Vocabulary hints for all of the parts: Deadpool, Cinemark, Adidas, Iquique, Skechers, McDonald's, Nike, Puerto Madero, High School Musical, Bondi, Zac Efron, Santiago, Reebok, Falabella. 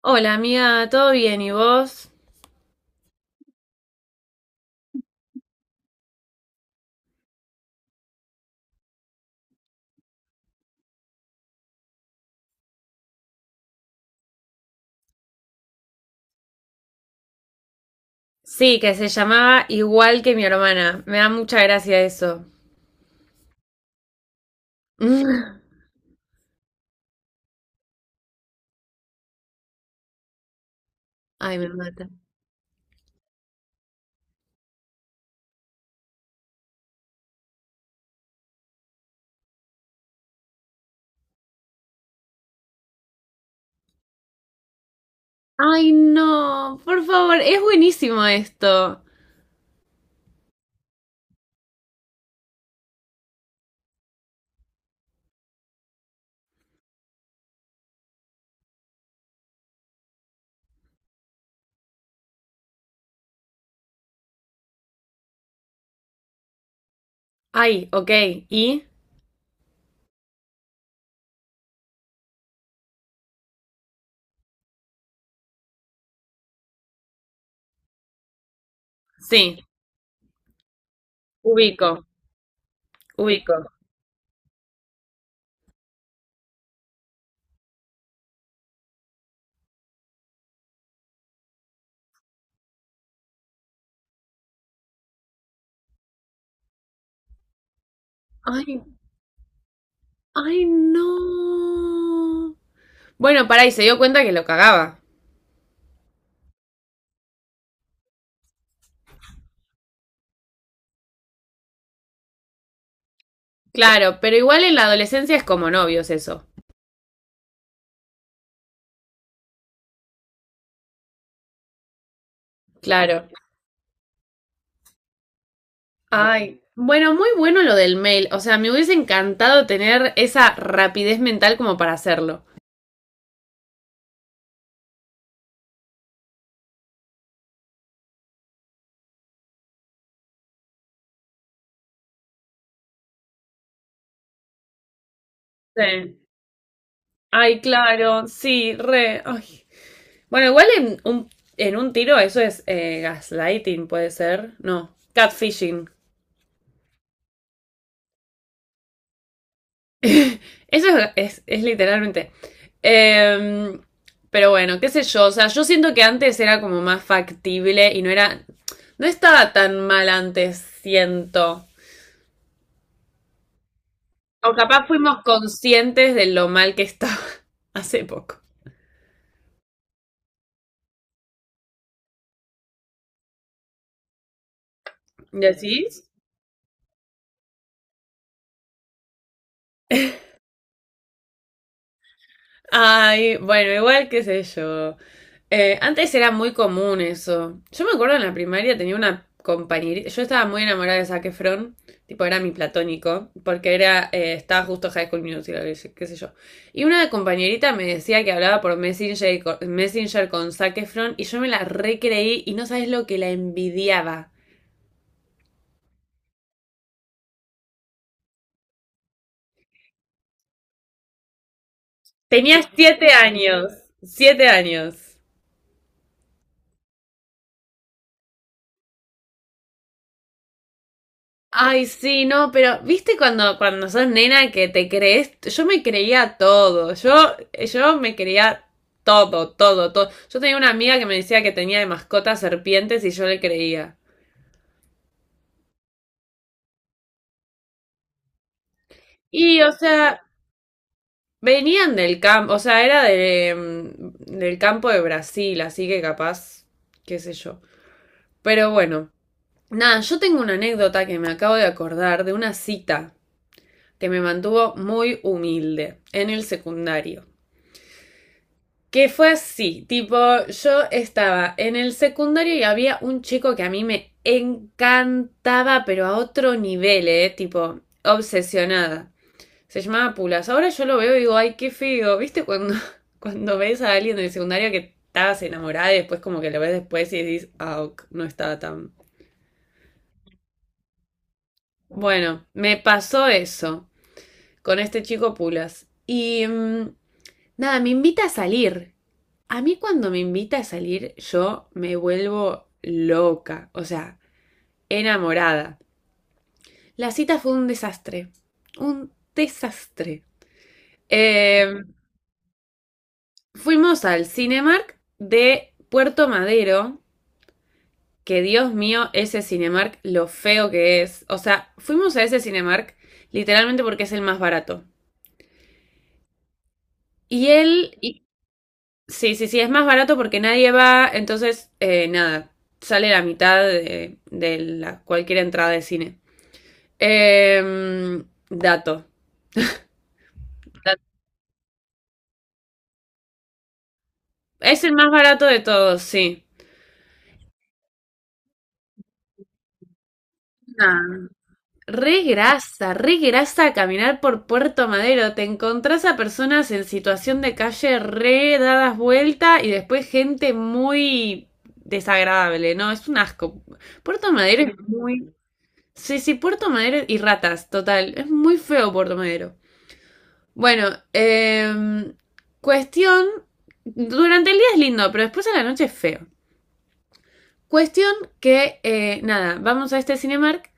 Hola amiga, ¿todo bien? ¿Y vos? Sí, que se llamaba igual que mi hermana. Me da mucha gracia eso. Ay, me mata. Ay, no, por favor, es buenísimo esto. Ay, ok, ¿y? Sí, ubico, ubico. Ay, ay, no. Bueno, pará, y se dio cuenta que lo cagaba. Claro, pero igual en la adolescencia es como novios eso. Claro. Ay, bueno, muy bueno lo del mail. O sea, me hubiese encantado tener esa rapidez mental como para hacerlo. Sí. Ay, claro, sí, re. Ay. Bueno, igual en un tiro eso es gaslighting, puede ser. No, catfishing. Eso es literalmente. Em, pero bueno, qué sé yo. O sea, yo siento que antes era como más factible y no era. No estaba tan mal antes, siento. O capaz fuimos conscientes de lo mal que estaba hace poco. ¿Decís? Ay, bueno, igual qué sé yo. Antes era muy común eso. Yo me acuerdo en la primaria tenía una compañerita. Yo estaba muy enamorada de Zac Efron. Tipo, era mi platónico. Porque era, estaba justo High School Musical, qué sé yo. Y una compañerita me decía que hablaba por Messenger, y Messenger con Zac Efron. Y yo me la recreí y no sabes lo que la envidiaba. Tenía 7 años. 7 años. Ay, sí, no, pero viste cuando, cuando sos nena que te crees, yo me creía todo, yo me creía todo, todo, todo. Yo tenía una amiga que me decía que tenía de mascota serpientes y yo le creía. Y, o sea, venían del campo, o sea, era de, mm, del campo de Brasil, así que capaz, qué sé yo. Pero bueno, nada, yo tengo una anécdota que me acabo de acordar de una cita que me mantuvo muy humilde en el secundario. Que fue así, tipo, yo estaba en el secundario y había un chico que a mí me encantaba, pero a otro nivel, ¿eh? Tipo, obsesionada. Se llamaba Pulas. Ahora yo lo veo y digo, ay, qué feo. ¿Viste cuando, cuando ves a alguien del secundario que estabas enamorada y después como que lo ves después y dices, ah, ok, no estaba tan... Bueno, me pasó eso con este chico Pulas. Y mm, nada, me invita a salir. A mí cuando me invita a salir, yo me vuelvo loca, o sea, enamorada. La cita fue un desastre, un desastre. Eh, Fuimos al Cinemark de Puerto Madero, que Dios mío, ese Cinemark, lo feo que es. O sea, fuimos a ese Cinemark literalmente porque es el más barato. Y él sí, sí, sí, es más barato porque nadie va, entonces, nada, sale la mitad de la, cualquier entrada de cine. Dato. Da- Es el más barato de todos, sí. Nah. Re grasa caminar por Puerto Madero. Te encontrás a personas en situación de calle re dadas vuelta y después gente muy desagradable, ¿no? Es un asco. Puerto Madero es muy... Sí, sí, Puerto Madero y ratas, total. Es muy feo Puerto Madero. Bueno, cuestión. Durante el día es lindo, pero después a la noche es feo. Cuestión que, nada, vamos a este Cinemark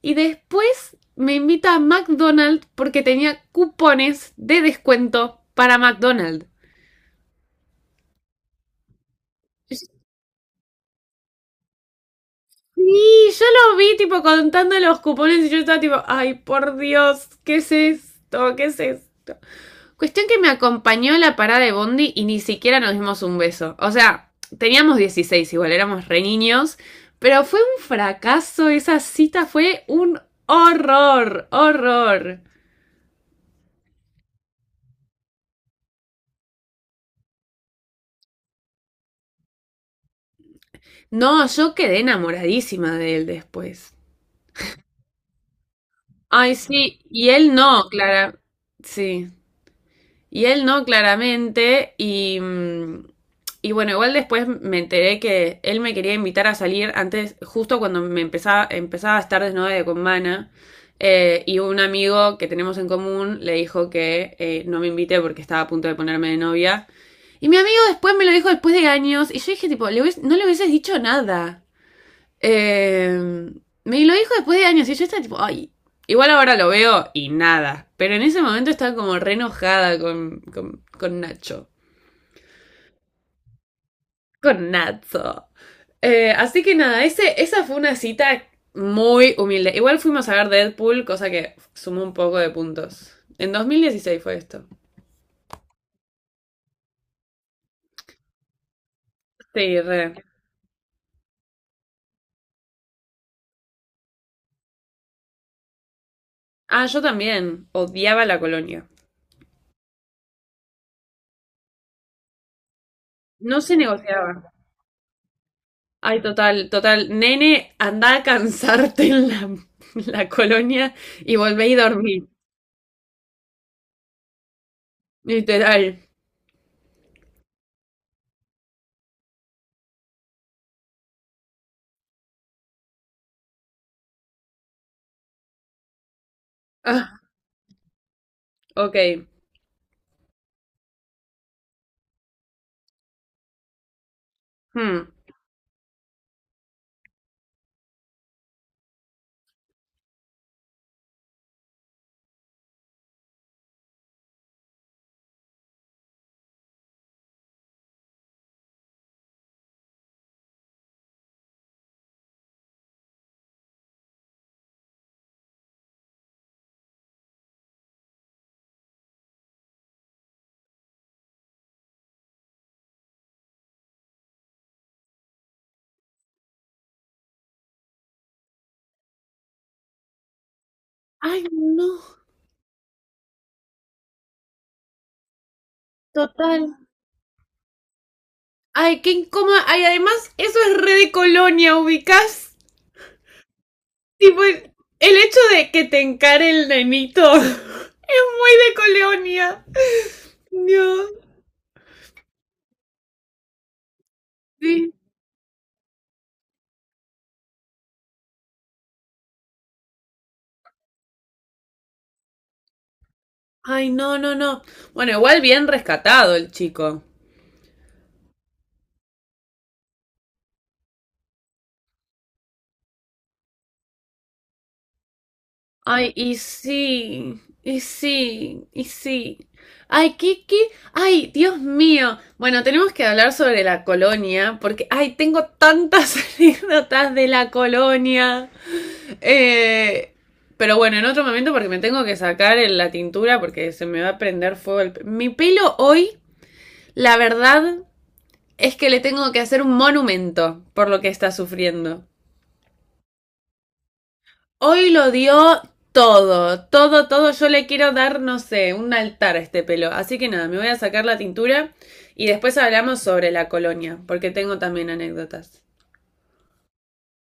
y después me invita a McDonald's porque tenía cupones de descuento para McDonald's. Sí, yo lo vi tipo contando los cupones y yo estaba tipo, ay, por Dios, ¿qué es esto? ¿Qué es esto? Cuestión que me acompañó a la parada de Bondi y ni siquiera nos dimos un beso. O sea, teníamos 16 igual, éramos re niños, pero fue un fracaso esa cita, fue un horror, horror. No, yo quedé enamoradísima de él después. Ay, sí, y él no, Clara. Sí, y él no, claramente. Y, mm, y bueno, igual después me enteré que él me quería invitar a salir antes, justo cuando me empezaba a estar desnuda con Mana. Y un amigo que tenemos en común le dijo que no me invité porque estaba a punto de ponerme de novia. Y mi amigo después me lo dijo después de años. Y yo dije, tipo, no le hubieses dicho nada. Eh, Me lo dijo después de años y yo estaba tipo, ay, igual ahora lo veo y nada. Pero en ese momento estaba como re enojada con Nacho. Con Nacho. Así que nada, ese, esa fue una cita muy humilde. Igual fuimos a ver Deadpool, cosa que sumó un poco de puntos. En 2016 fue esto. Sí, re. Ah, yo también. Odiaba la colonia. No se negociaba. Ay, total, total. Nene, anda a cansarte en la, la colonia y volvé y dormí. Literal. Ah, ok. Hmm. Ay, no. Total. Ay, qué incómodo. Ay, además, eso es re de colonia, ubicás. Tipo, el hecho de que te encare el nenito es muy de colonia. Dios. Sí. Ay, no, no, no. Bueno, igual bien rescatado el chico. Ay, y sí, y sí, y sí. Ay, Kiki, ay, Dios mío. Bueno, tenemos que hablar sobre la colonia, porque, ay, tengo tantas anécdotas de la colonia. Eh, pero bueno, en otro momento, porque me tengo que sacar la tintura, porque se me va a prender fuego mi pelo hoy, la verdad, es que le tengo que hacer un monumento por lo que está sufriendo. Hoy lo dio todo, todo, todo. Yo le quiero dar, no sé, un altar a este pelo. Así que nada, me voy a sacar la tintura y después hablamos sobre la colonia, porque tengo también anécdotas.